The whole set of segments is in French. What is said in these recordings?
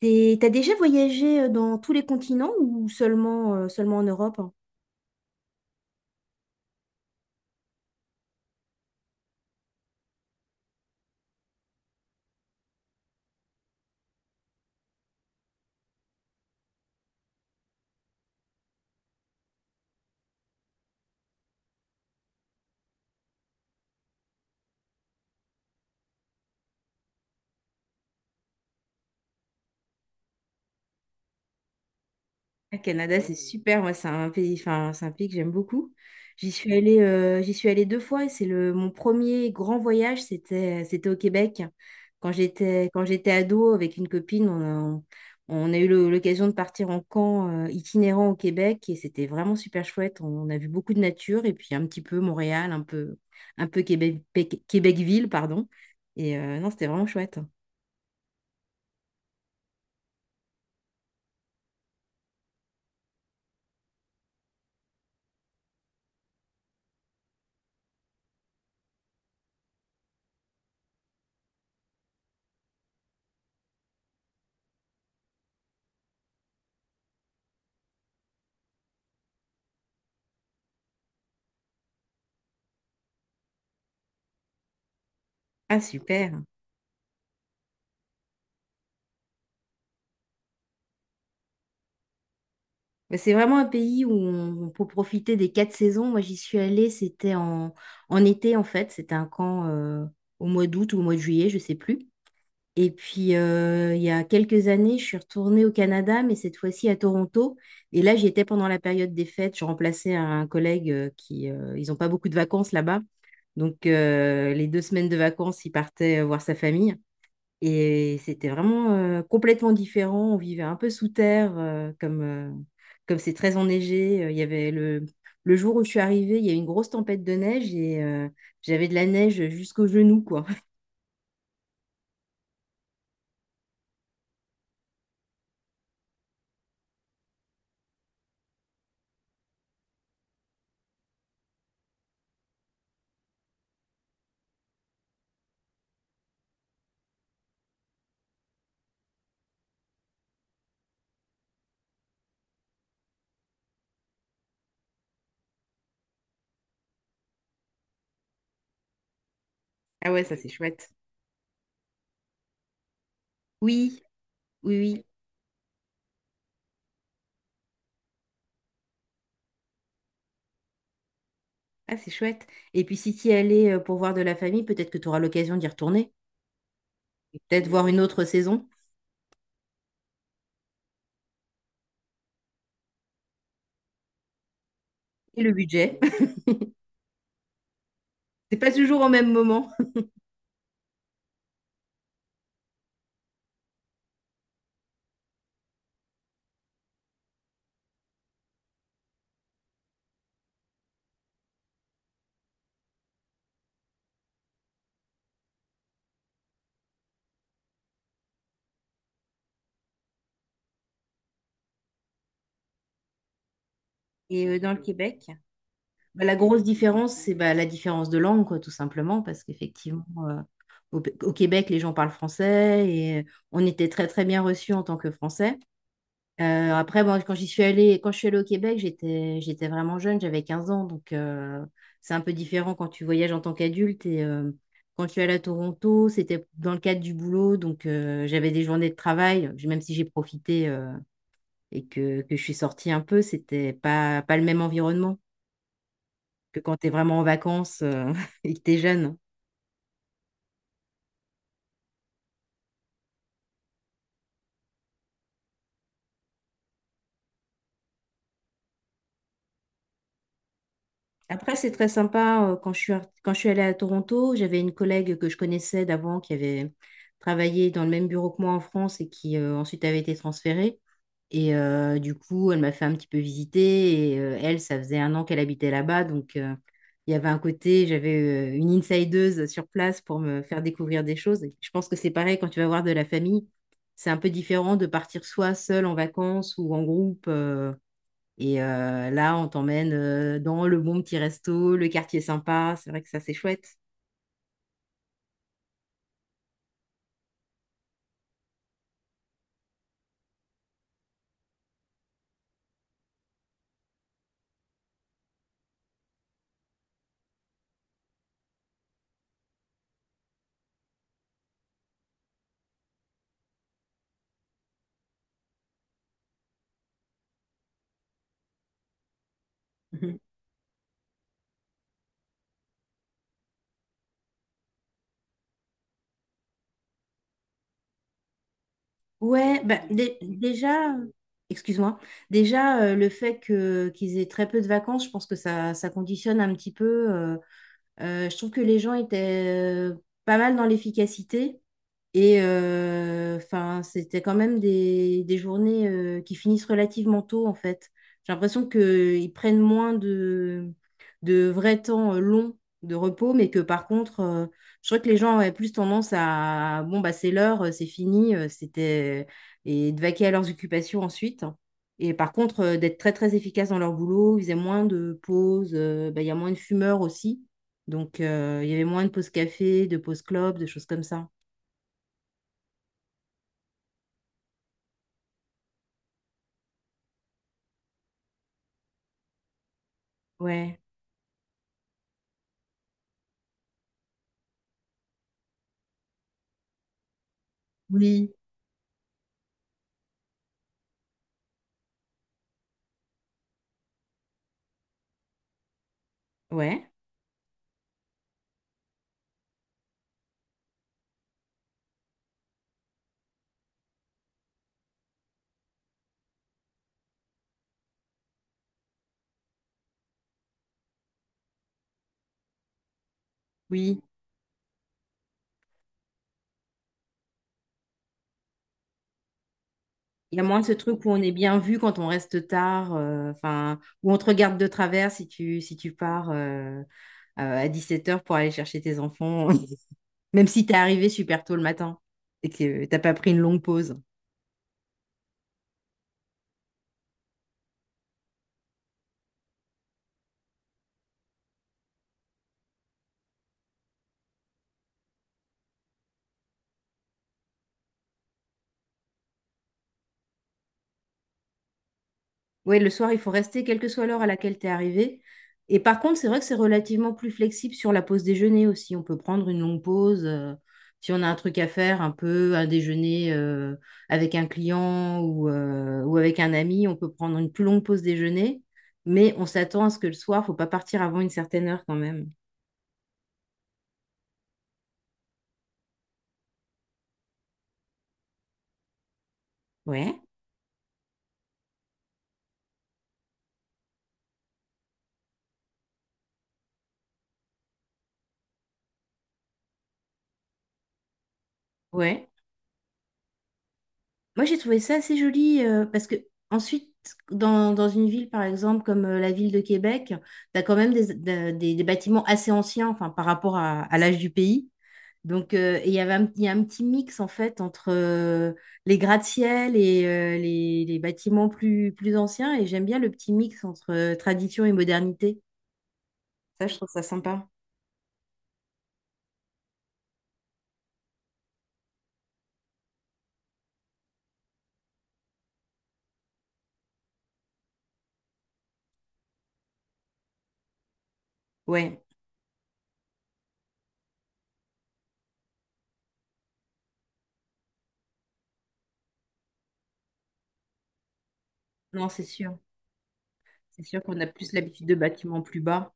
T'as déjà voyagé dans tous les continents ou seulement en Europe? Le Canada, c'est super. Moi, c'est un pays, enfin, c'est un pays que j'aime beaucoup. J'y suis allée deux fois. Et c'est le mon premier grand voyage. C'était au Québec. Quand j'étais ado avec une copine, on a eu l'occasion de partir en camp itinérant au Québec et c'était vraiment super chouette. On a vu beaucoup de nature et puis un petit peu Montréal, un peu Québec, Québecville, pardon. Et non, c'était vraiment chouette. Ah, super. Mais c'est vraiment un pays où on peut profiter des quatre saisons. Moi, j'y suis allée, c'était en été en fait. C'était un camp au mois d'août ou au mois de juillet, je sais plus. Et puis, il y a quelques années, je suis retournée au Canada, mais cette fois-ci à Toronto. Et là, j'y étais pendant la période des fêtes. Je remplaçais un collègue, ils n'ont pas beaucoup de vacances là-bas. Donc, les 2 semaines de vacances, il partait voir sa famille. Et c'était vraiment complètement différent. On vivait un peu sous terre, comme c'est très enneigé. Il y avait le jour où je suis arrivée, il y a eu une grosse tempête de neige et j'avais de la neige jusqu'aux genoux, quoi. Ah ouais, ça c'est chouette. Oui, oui, oui. Ah, c'est chouette. Et puis si tu y allais pour voir de la famille, peut-être que tu auras l'occasion d'y retourner. Et peut-être voir une autre saison. Et le budget. C'est pas toujours au même moment. Et dans le Québec, bah, la grosse différence, c'est bah, la différence de langue, quoi, tout simplement, parce qu'effectivement. Au Québec, les gens parlent français et on était très très bien reçus en tant que Français. Après, bon, quand j'y suis allée, quand je suis allée au Québec, j'étais vraiment jeune, j'avais 15 ans, donc c'est un peu différent quand tu voyages en tant qu'adulte et quand je suis allée à Toronto, c'était dans le cadre du boulot, donc j'avais des journées de travail. Même si j'ai profité et que je suis sortie un peu, c'était pas le même environnement que quand tu es vraiment en vacances, et que tu es jeune. Après, c'est très sympa. Quand je suis allée à Toronto, j'avais une collègue que je connaissais d'avant qui avait travaillé dans le même bureau que moi en France et qui ensuite avait été transférée. Et du coup, elle m'a fait un petit peu visiter. Et elle, ça faisait 1 an qu'elle habitait là-bas. Donc, il y avait un côté, j'avais une insideuse sur place pour me faire découvrir des choses. Et je pense que c'est pareil quand tu vas voir de la famille. C'est un peu différent de partir soit seul en vacances ou en groupe. Et là, on t'emmène dans le bon petit resto, le quartier sympa. C'est vrai que ça, c'est chouette. Mhm. Ouais, bah, déjà, excuse-moi, déjà, le fait que qu'ils aient très peu de vacances, je pense que ça conditionne un petit peu. Je trouve que les gens étaient pas mal dans l'efficacité et enfin, c'était quand même des journées qui finissent relativement tôt en fait. J'ai l'impression qu'ils prennent moins de vrais temps longs de repos, mais que par contre, je crois que les gens avaient plus tendance à bon bah c'est l'heure, c'est fini, c'était et de vaquer à leurs occupations ensuite, hein. Et par contre, d'être très très efficaces dans leur boulot, ils faisaient moins de pauses, bah, il y a moins de fumeurs aussi. Donc, il y avait moins de pauses café, de pauses club, de choses comme ça. Ouais. Oui. Ouais. Oui. Il y a moins de ce truc où on est bien vu quand on reste tard, enfin, où on te regarde de travers si tu pars à 17 heures pour aller chercher tes enfants, même si t'es arrivé super tôt le matin et que t'as pas pris une longue pause. Oui, le soir, il faut rester quelle que soit l'heure à laquelle tu es arrivé. Et par contre, c'est vrai que c'est relativement plus flexible sur la pause déjeuner aussi. On peut prendre une longue pause si on a un truc à faire, un peu un déjeuner avec un client ou avec un ami. On peut prendre une plus longue pause déjeuner, mais on s'attend à ce que le soir, faut pas partir avant une certaine heure quand même. Ouais, ouais. Moi, j'ai trouvé ça assez joli parce que ensuite, dans une ville, par exemple, comme la ville de Québec, tu as quand même des bâtiments assez anciens enfin, par rapport à l'âge du pays. Donc, et il y avait il y a un petit mix, en fait, entre les gratte-ciel et les bâtiments plus anciens. Et j'aime bien le petit mix entre tradition et modernité. Ça, je trouve ça sympa. Ouais. Non, c'est sûr. C'est sûr qu'on a plus l'habitude de bâtiments plus bas.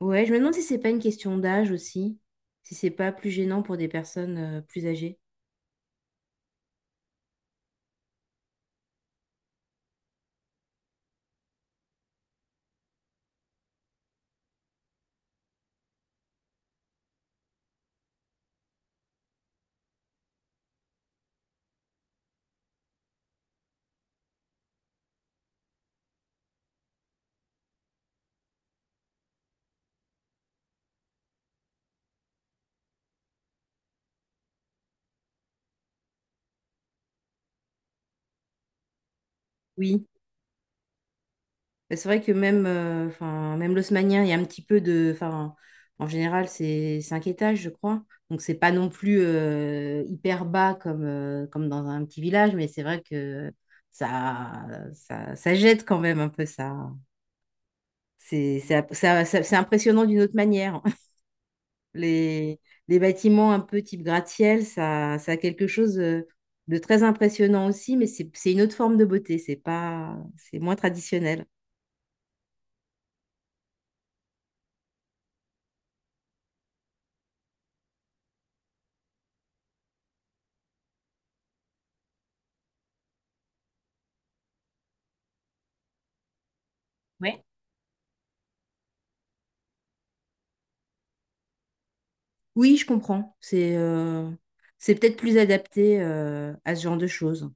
Ouais, je me demande si c'est pas une question d'âge aussi, si c'est pas plus gênant pour des personnes plus âgées. Oui. Bah, c'est vrai que même, enfin, même l'haussmannien, il y a un petit peu de, enfin, en général, c'est 5 étages, je crois. Donc c'est pas non plus hyper bas comme dans un petit village, mais c'est vrai que ça, ça jette quand même un peu ça. C'est impressionnant d'une autre manière. Les, les bâtiments un peu type gratte-ciel, ça a quelque chose de très impressionnant aussi, mais c'est une autre forme de beauté, c'est pas, c'est moins traditionnel. Ouais. Oui, je comprends. C'est peut-être plus adapté à ce genre de choses.